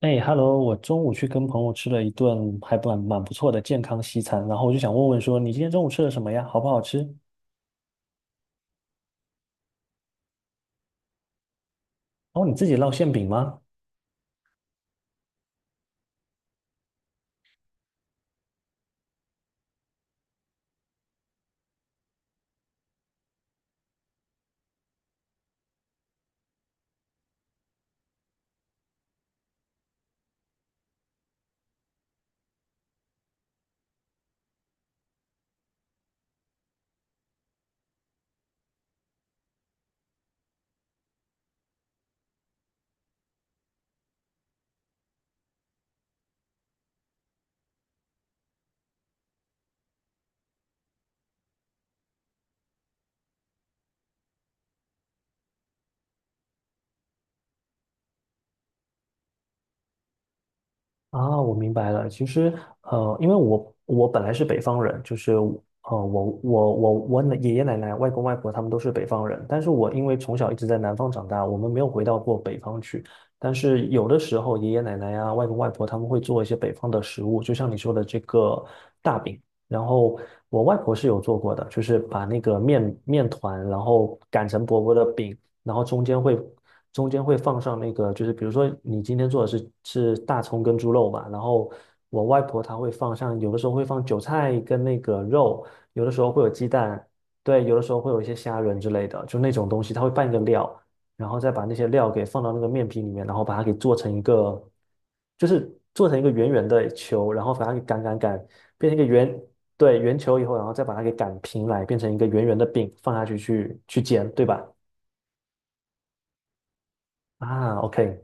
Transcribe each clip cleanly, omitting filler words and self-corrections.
哎，Hello，我中午去跟朋友吃了一顿还蛮不错的健康西餐，然后我就想问问说，你今天中午吃了什么呀？好不好吃？哦，你自己烙馅饼吗？啊，我明白了。其实，因为我本来是北方人，就是我爷爷奶奶、外公外婆他们都是北方人，但是我因为从小一直在南方长大，我们没有回到过北方去。但是有的时候，爷爷奶奶呀、外公外婆他们会做一些北方的食物，就像你说的这个大饼。然后我外婆是有做过的，就是把那个面团，然后擀成薄薄的饼，然后中间会放上那个，就是比如说你今天做的是大葱跟猪肉吧，然后我外婆她会放像有的时候会放韭菜跟那个肉，有的时候会有鸡蛋，对，有的时候会有一些虾仁之类的，就那种东西，她会拌一个料，然后再把那些料给放到那个面皮里面，然后把它给做成一个，就是做成一个圆圆的球，然后把它给擀，变成一个圆，对，圆球以后，然后再把它给擀平来，变成一个圆圆的饼，放下去煎，对吧？啊，OK。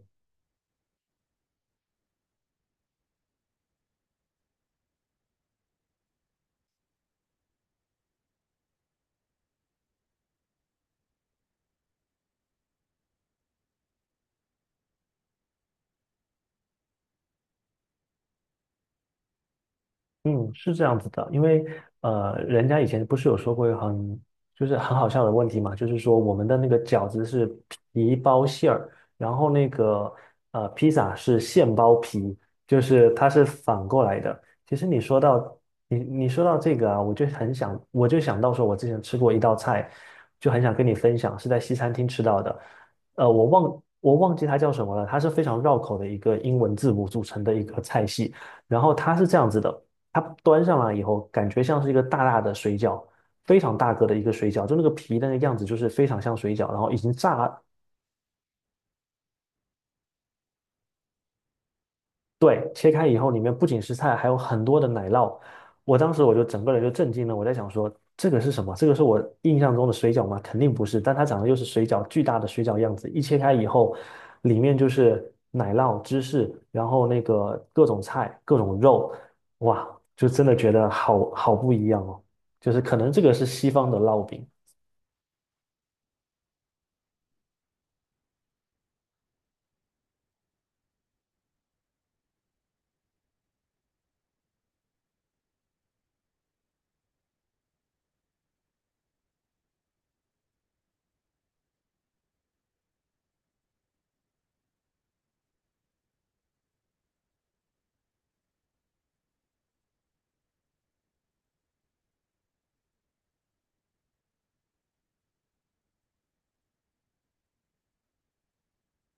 嗯，是这样子的，因为人家以前不是有说过一个就是很好笑的问题嘛，就是说我们的那个饺子是皮包馅儿，然后那个披萨是馅包皮，就是它是反过来的。其实你你说到这个啊，我就想到说，我之前吃过一道菜，就很想跟你分享，是在西餐厅吃到的。呃，我忘记它叫什么了，它是非常绕口的一个英文字母组成的一个菜系，然后它是这样子的。它端上来以后，感觉像是一个大大的水饺，非常大个的一个水饺，就那个皮那个样子就是非常像水饺，然后已经炸了，对，切开以后里面不仅是菜，还有很多的奶酪。我当时整个人就震惊了，我在想说这个是什么？这个是我印象中的水饺吗？肯定不是，但它长得又是水饺，巨大的水饺样子，一切开以后，里面就是奶酪、芝士，然后那个各种菜、各种肉，哇，就真的觉得好不一样哦。就是可能这个是西方的烙饼。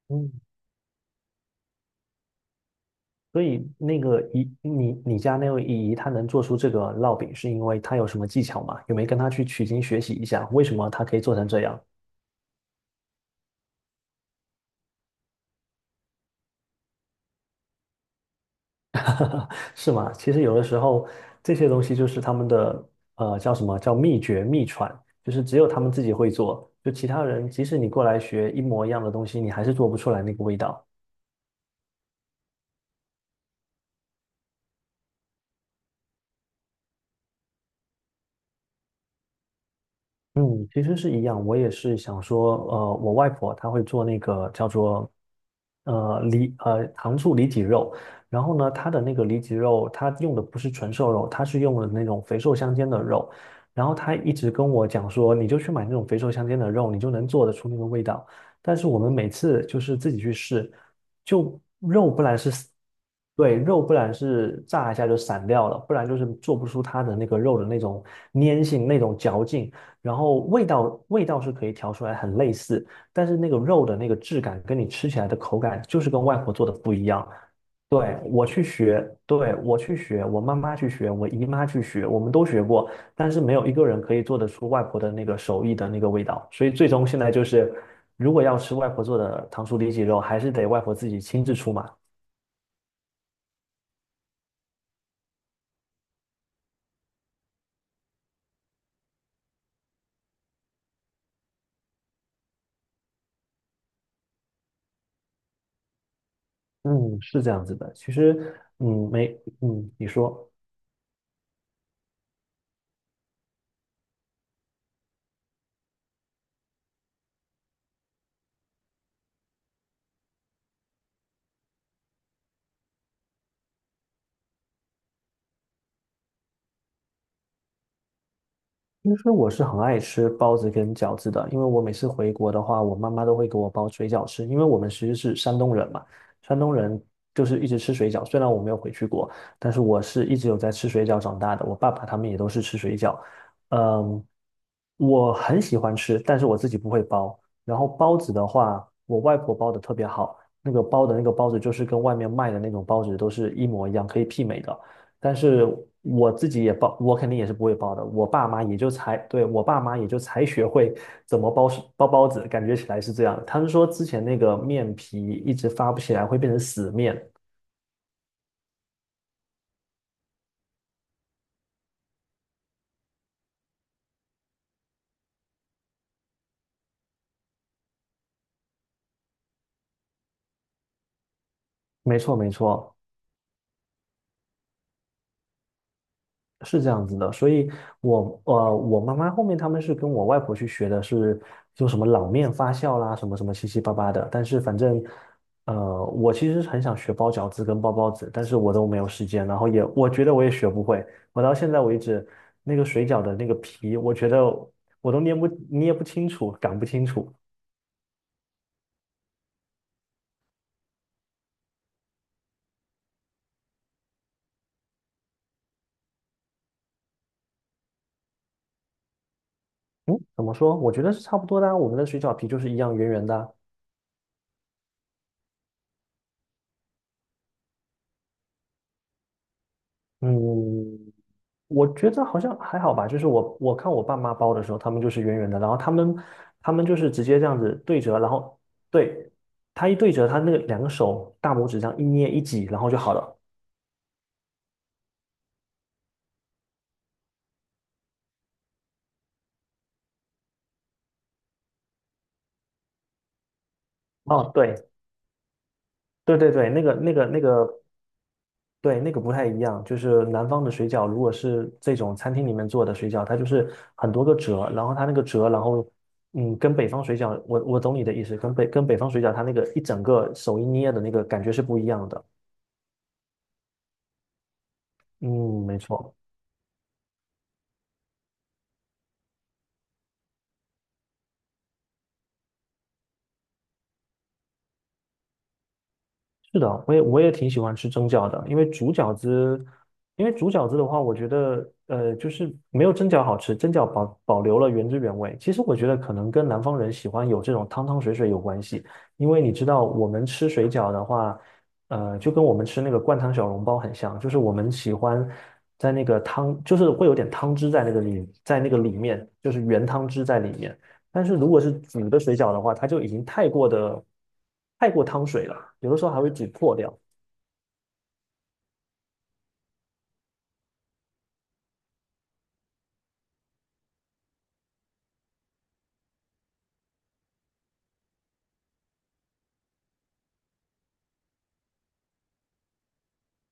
嗯，所以那个姨，你家那位姨姨，她能做出这个烙饼，是因为她有什么技巧吗？有没有跟她去取经学习一下，为什么她可以做成这样？是吗？其实有的时候这些东西就是他们的叫什么叫秘诀秘传，就是只有他们自己会做，就其他人即使你过来学一模一样的东西，你还是做不出来那个味道。嗯，其实是一样，我也是想说，呃，我外婆她会做那个叫做，呃，糖醋里脊肉，然后呢，她的那个里脊肉，她用的不是纯瘦肉，她是用的那种肥瘦相间的肉，然后她一直跟我讲说，你就去买那种肥瘦相间的肉，你就能做得出那个味道。但是我们每次就是自己去试，就肉不然是，对，肉不然是炸一下就散掉了，不然就是做不出它的那个肉的那种粘性、那种嚼劲。然后味道是可以调出来很类似，但是那个肉的那个质感跟你吃起来的口感就是跟外婆做的不一样。对，我去学，对，我去学，我妈妈去学，我姨妈去学，我们都学过，但是没有一个人可以做得出外婆的那个手艺的那个味道。所以最终现在就是，如果要吃外婆做的糖醋里脊肉，还是得外婆自己亲自出马。嗯，是这样子的。其实，嗯，没，嗯，你说。其实我是很爱吃包子跟饺子的，因为我每次回国的话，我妈妈都会给我包水饺吃，因为我们其实是山东人嘛，山东人就是一直吃水饺。虽然我没有回去过，但是我是一直有在吃水饺长大的，我爸爸他们也都是吃水饺。嗯，我很喜欢吃，但是我自己不会包。然后包子的话，我外婆包的特别好，那个包的那个包子就是跟外面卖的那种包子都是一模一样，可以媲美的。但是我自己也包，我肯定也是不会包的。我爸妈也就才，对，我爸妈也就才学会怎么包包子，感觉起来是这样。他们说之前那个面皮一直发不起来，会变成死面。没错，没错。是这样子的，所以我妈妈后面他们是跟我外婆去学的是，就什么老面发酵啦，什么什么七七八八的。但是反正，呃，我其实很想学包饺子跟包包子，但是我都没有时间，然后我觉得我也学不会。我到现在为止，那个水饺的那个皮，我觉得我都捏不清楚，擀不清楚。嗯，怎么说？我觉得是差不多的啊，我们的水饺皮就是一样圆圆的啊。嗯，我觉得好像还好吧，就是我看我爸妈包的时候，他们就是圆圆的，然后他们就是直接这样子对折，然后对，他一对折，他那个两个手大拇指这样一捏一挤，然后就好了。哦，对，那个，对，那个不太一样，就是南方的水饺，如果是这种餐厅里面做的水饺，它就是很多个折，然后它那个折，然后嗯，跟北方水饺，我懂你的意思，跟北方水饺，它那个一整个手一捏的那个感觉是不一样的。嗯，没错。是的，我也挺喜欢吃蒸饺的，因为煮饺子的话，我觉得呃，就是没有蒸饺好吃，蒸饺保留了原汁原味。其实我觉得可能跟南方人喜欢有这种汤汤水水有关系，因为你知道我们吃水饺的话，呃，就跟我们吃那个灌汤小笼包很像，就是我们喜欢在那个汤，就是会有点汤汁在那个里，在那个里面，就是原汤汁在里面。但是如果是煮的水饺的话，它就已经太过汤水了，有的时候还会煮破掉。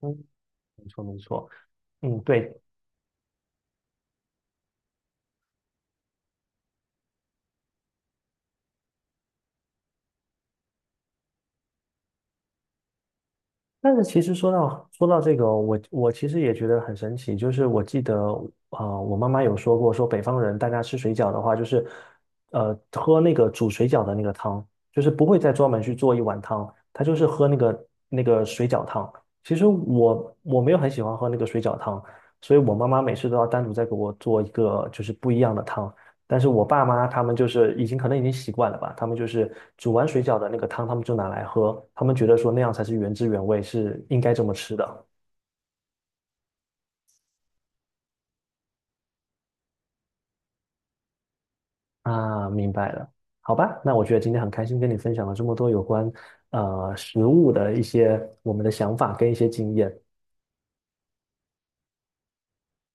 嗯，没错没错。嗯，对，但是其实说到这个哦，我其实也觉得很神奇，就是我记得我妈妈有说过，说北方人大家吃水饺的话，就是喝那个煮水饺的那个汤，就是不会再专门去做一碗汤，他就是喝那个水饺汤。其实我没有很喜欢喝那个水饺汤，所以我妈妈每次都要单独再给我做一个就是不一样的汤。但是我爸妈他们就是可能已经习惯了吧，他们就是煮完水饺的那个汤，他们就拿来喝，他们觉得说那样才是原汁原味，是应该这么吃的。啊。明白了，好吧，那我觉得今天很开心跟你分享了这么多有关食物的一些我们的想法跟一些经验。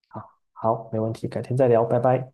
好，好，没问题，改天再聊，拜拜。